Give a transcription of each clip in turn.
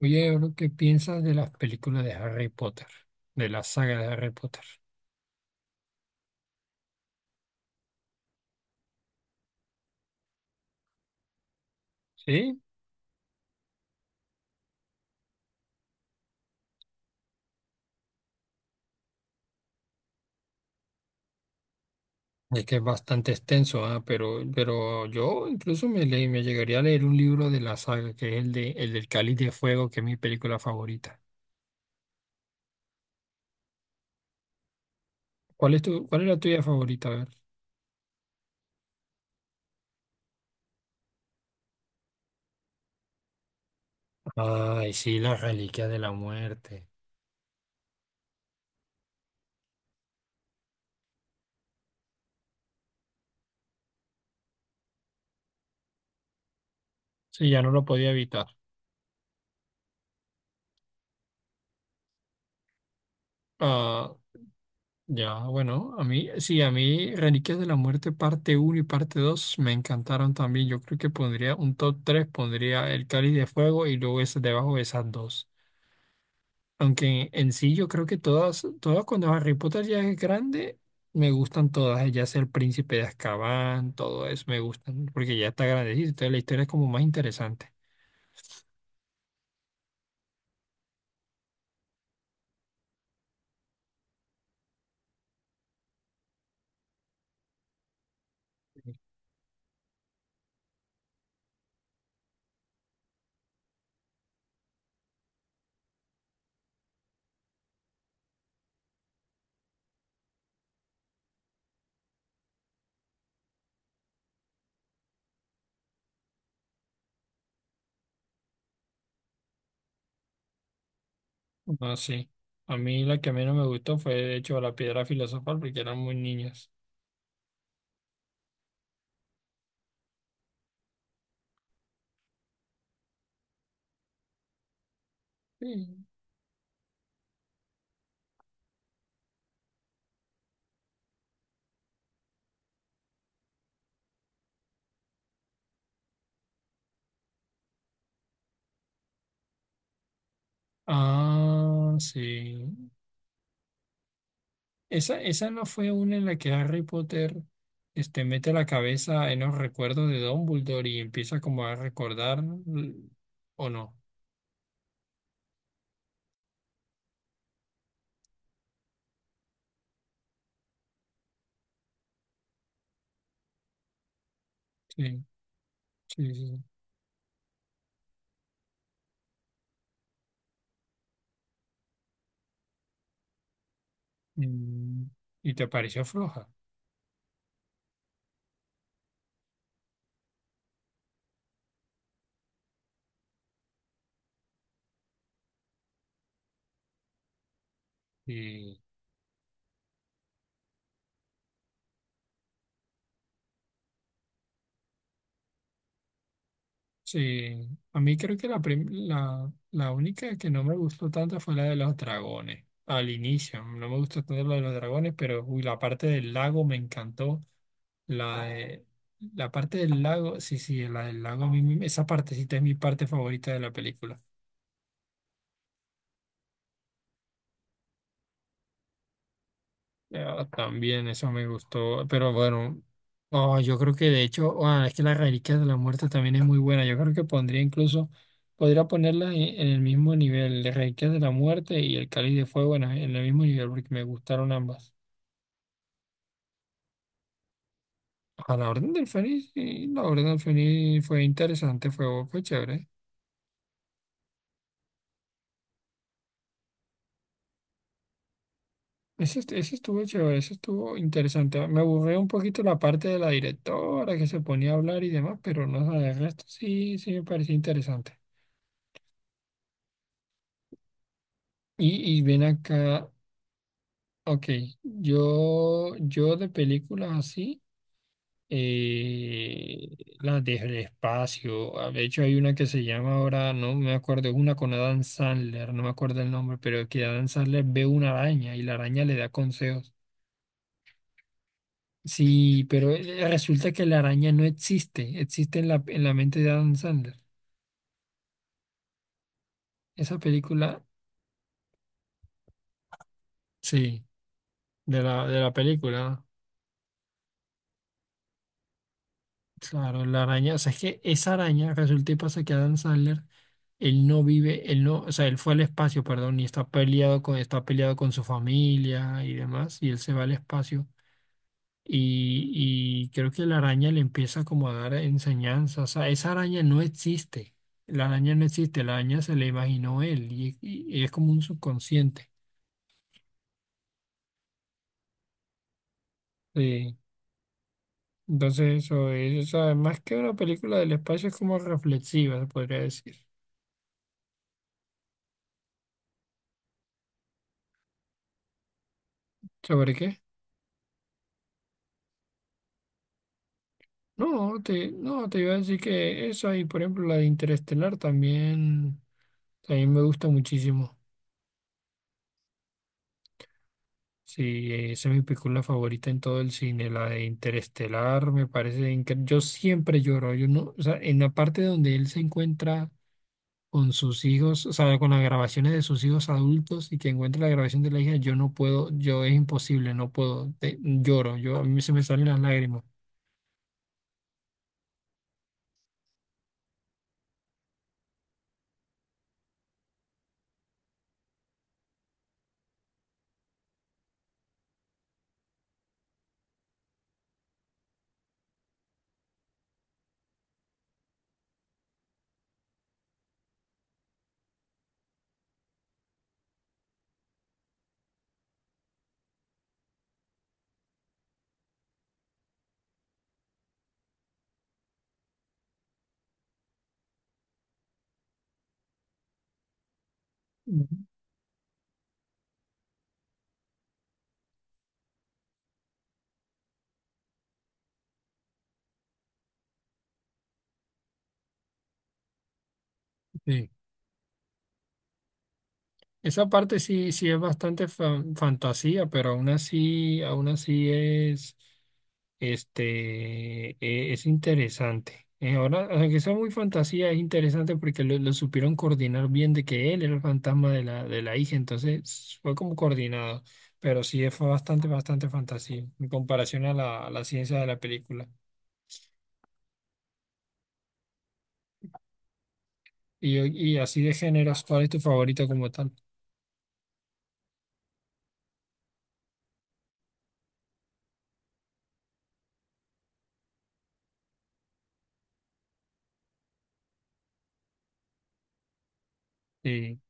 Oye, bro, ¿qué piensas de las películas de Harry Potter? De la saga de Harry Potter. Sí, es que es bastante extenso, pero yo incluso me llegaría a leer un libro de la saga, que es el del Cáliz de Fuego, que es mi película favorita. Cuál es la tuya favorita? A ver. Ay, sí, la Reliquia de la Muerte. Sí, ya no lo podía evitar. Ah. Ya, bueno, a mí Reliquias de la Muerte parte uno y parte 2 me encantaron también. Yo creo que pondría un top 3 pondría El Cáliz de Fuego y luego ese debajo de esas dos. Aunque en sí yo creo que todas cuando Harry Potter ya es grande, me gustan todas, ya sea El Príncipe de Azkaban, todo eso me gustan, porque ya está grandecito, entonces la historia es como más interesante. No, sí. A mí la que menos me gustó fue, de hecho, La Piedra Filosofal, porque eran muy niños. Ah, sí. Esa no fue una en la que Harry Potter mete la cabeza en los recuerdos de Dumbledore y empieza como a recordar, l- ¿o no? Sí, sí, sí. Sí. ¿Y te pareció floja? Sí, sí. A mí creo que la única que no me gustó tanto fue la de los dragones. Al inicio, no me gustó tanto la de los dragones, pero uy, la parte del lago me encantó. La, de- la parte del lago, sí, sí, la del lago, esa partecita es mi parte favorita de la película. Ah, también, eso me gustó, pero bueno, oh, yo creo que de hecho, es que las reliquias de la muerte también es muy buena. Yo creo que podría ponerla en el mismo nivel, de reliquias de la muerte y el cáliz de fuego en el mismo nivel, porque me gustaron ambas. A la Orden del Fénix, sí, la Orden del Fénix fue interesante, fue chévere. Eso estuvo chévere, eso estuvo interesante. Me aburrió un poquito la parte de la directora que se ponía a hablar y demás, pero no sé, el resto sí me pareció interesante. Y ven acá, ok, yo de películas así, eh, las del espacio, de hecho hay una que se llama ahora, no me acuerdo, es una con Adam Sandler, no me acuerdo el nombre, pero que Adam Sandler ve una araña y la araña le da consejos. Sí, pero resulta que la araña no existe, existe en en la mente de Adam Sandler. Esa película, sí, de la película, claro, la araña, o sea, es que esa araña resulta y pasa que Adam Sandler, él no vive, él no, o sea, él fue al espacio, perdón, y está peleado con su familia y demás, y él se va al espacio. Y creo que la araña le empieza como a dar enseñanzas. O sea, esa araña no existe. La araña no existe. La araña se la imaginó y es como un subconsciente. Sí. Entonces eso es, o sea, más que una película del espacio es como reflexiva, se podría decir. ¿Sobre qué? No, no, te iba a decir que esa y por ejemplo la de Interestelar también, también me gusta muchísimo. Sí, esa es mi película favorita en todo el cine, la de Interestelar, me parece increíble. Yo siempre lloro, yo no, o sea, en la parte donde él se encuentra con sus hijos, o sea, con las grabaciones de sus hijos adultos y que encuentra la grabación de la hija, yo es imposible, no puedo, lloro, yo a mí se me salen las lágrimas. Mm, sí. Esa parte sí, sí es fantasía, pero aún así es, es interesante. Ahora, aunque sea muy fantasía, es interesante porque lo supieron coordinar bien de que él era el fantasma de de la hija, entonces fue como coordinado, pero sí fue bastante fantasía en comparación a a la ciencia de la película. Y, y así de géneros, ¿cuál es tu favorito como tal? Sí,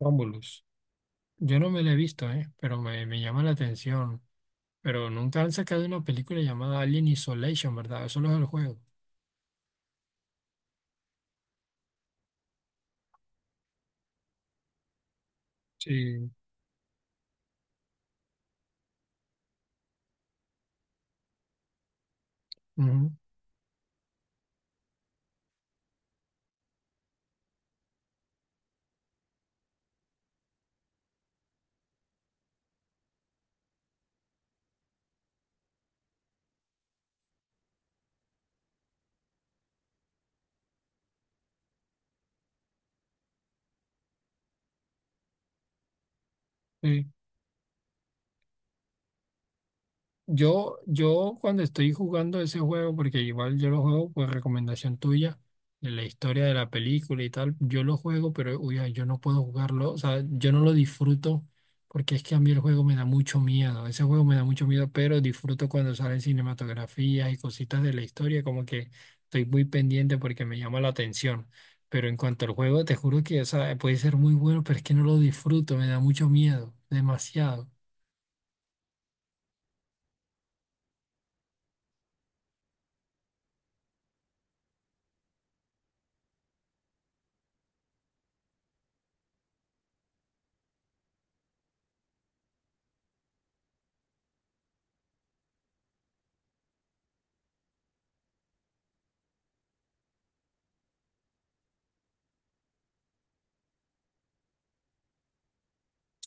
Romulus. Yo no me lo he visto, pero me llama la atención. Pero nunca han sacado una película llamada Alien Isolation, ¿verdad? Eso no es el juego. Sí. Ujú. Sí. Yo cuando estoy jugando ese juego, porque igual yo lo juego por recomendación tuya, de la historia de la película y tal, yo lo juego, pero uy, ay, yo no puedo jugarlo, o sea, yo no lo disfruto porque es que a mí el juego me da mucho miedo, ese juego me da mucho miedo, pero disfruto cuando salen cinematografías y cositas de la historia, como que estoy muy pendiente porque me llama la atención. Pero en cuanto al juego, te juro que, o sea, puede ser muy bueno, pero es que no lo disfruto, me da mucho miedo, demasiado.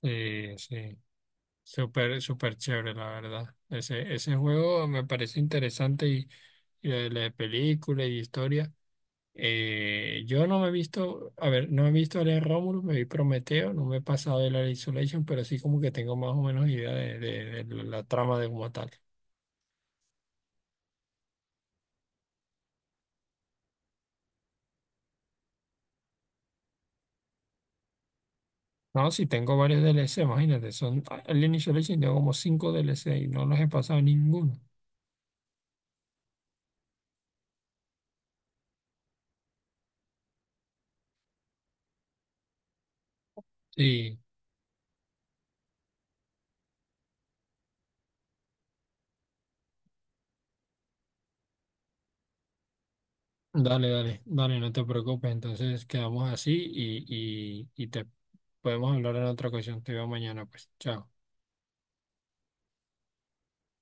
Sí, sí. Súper, súper chévere, la verdad. Ese juego me parece interesante y lo de la de película y historia. Yo no me he visto, a ver, no he visto Alien Romulus, me vi Prometeo, no me he pasado de la Isolation, pero sí como que tengo más o menos idea de, de la trama de como tal. No, sí tengo varios DLC imagínate, son Alien Isolation, tengo como cinco DLC y no los he pasado ninguno. Sí. Dale, dale, dale, no te preocupes. Entonces quedamos así y te podemos hablar en otra ocasión. Te veo mañana, pues. Chao.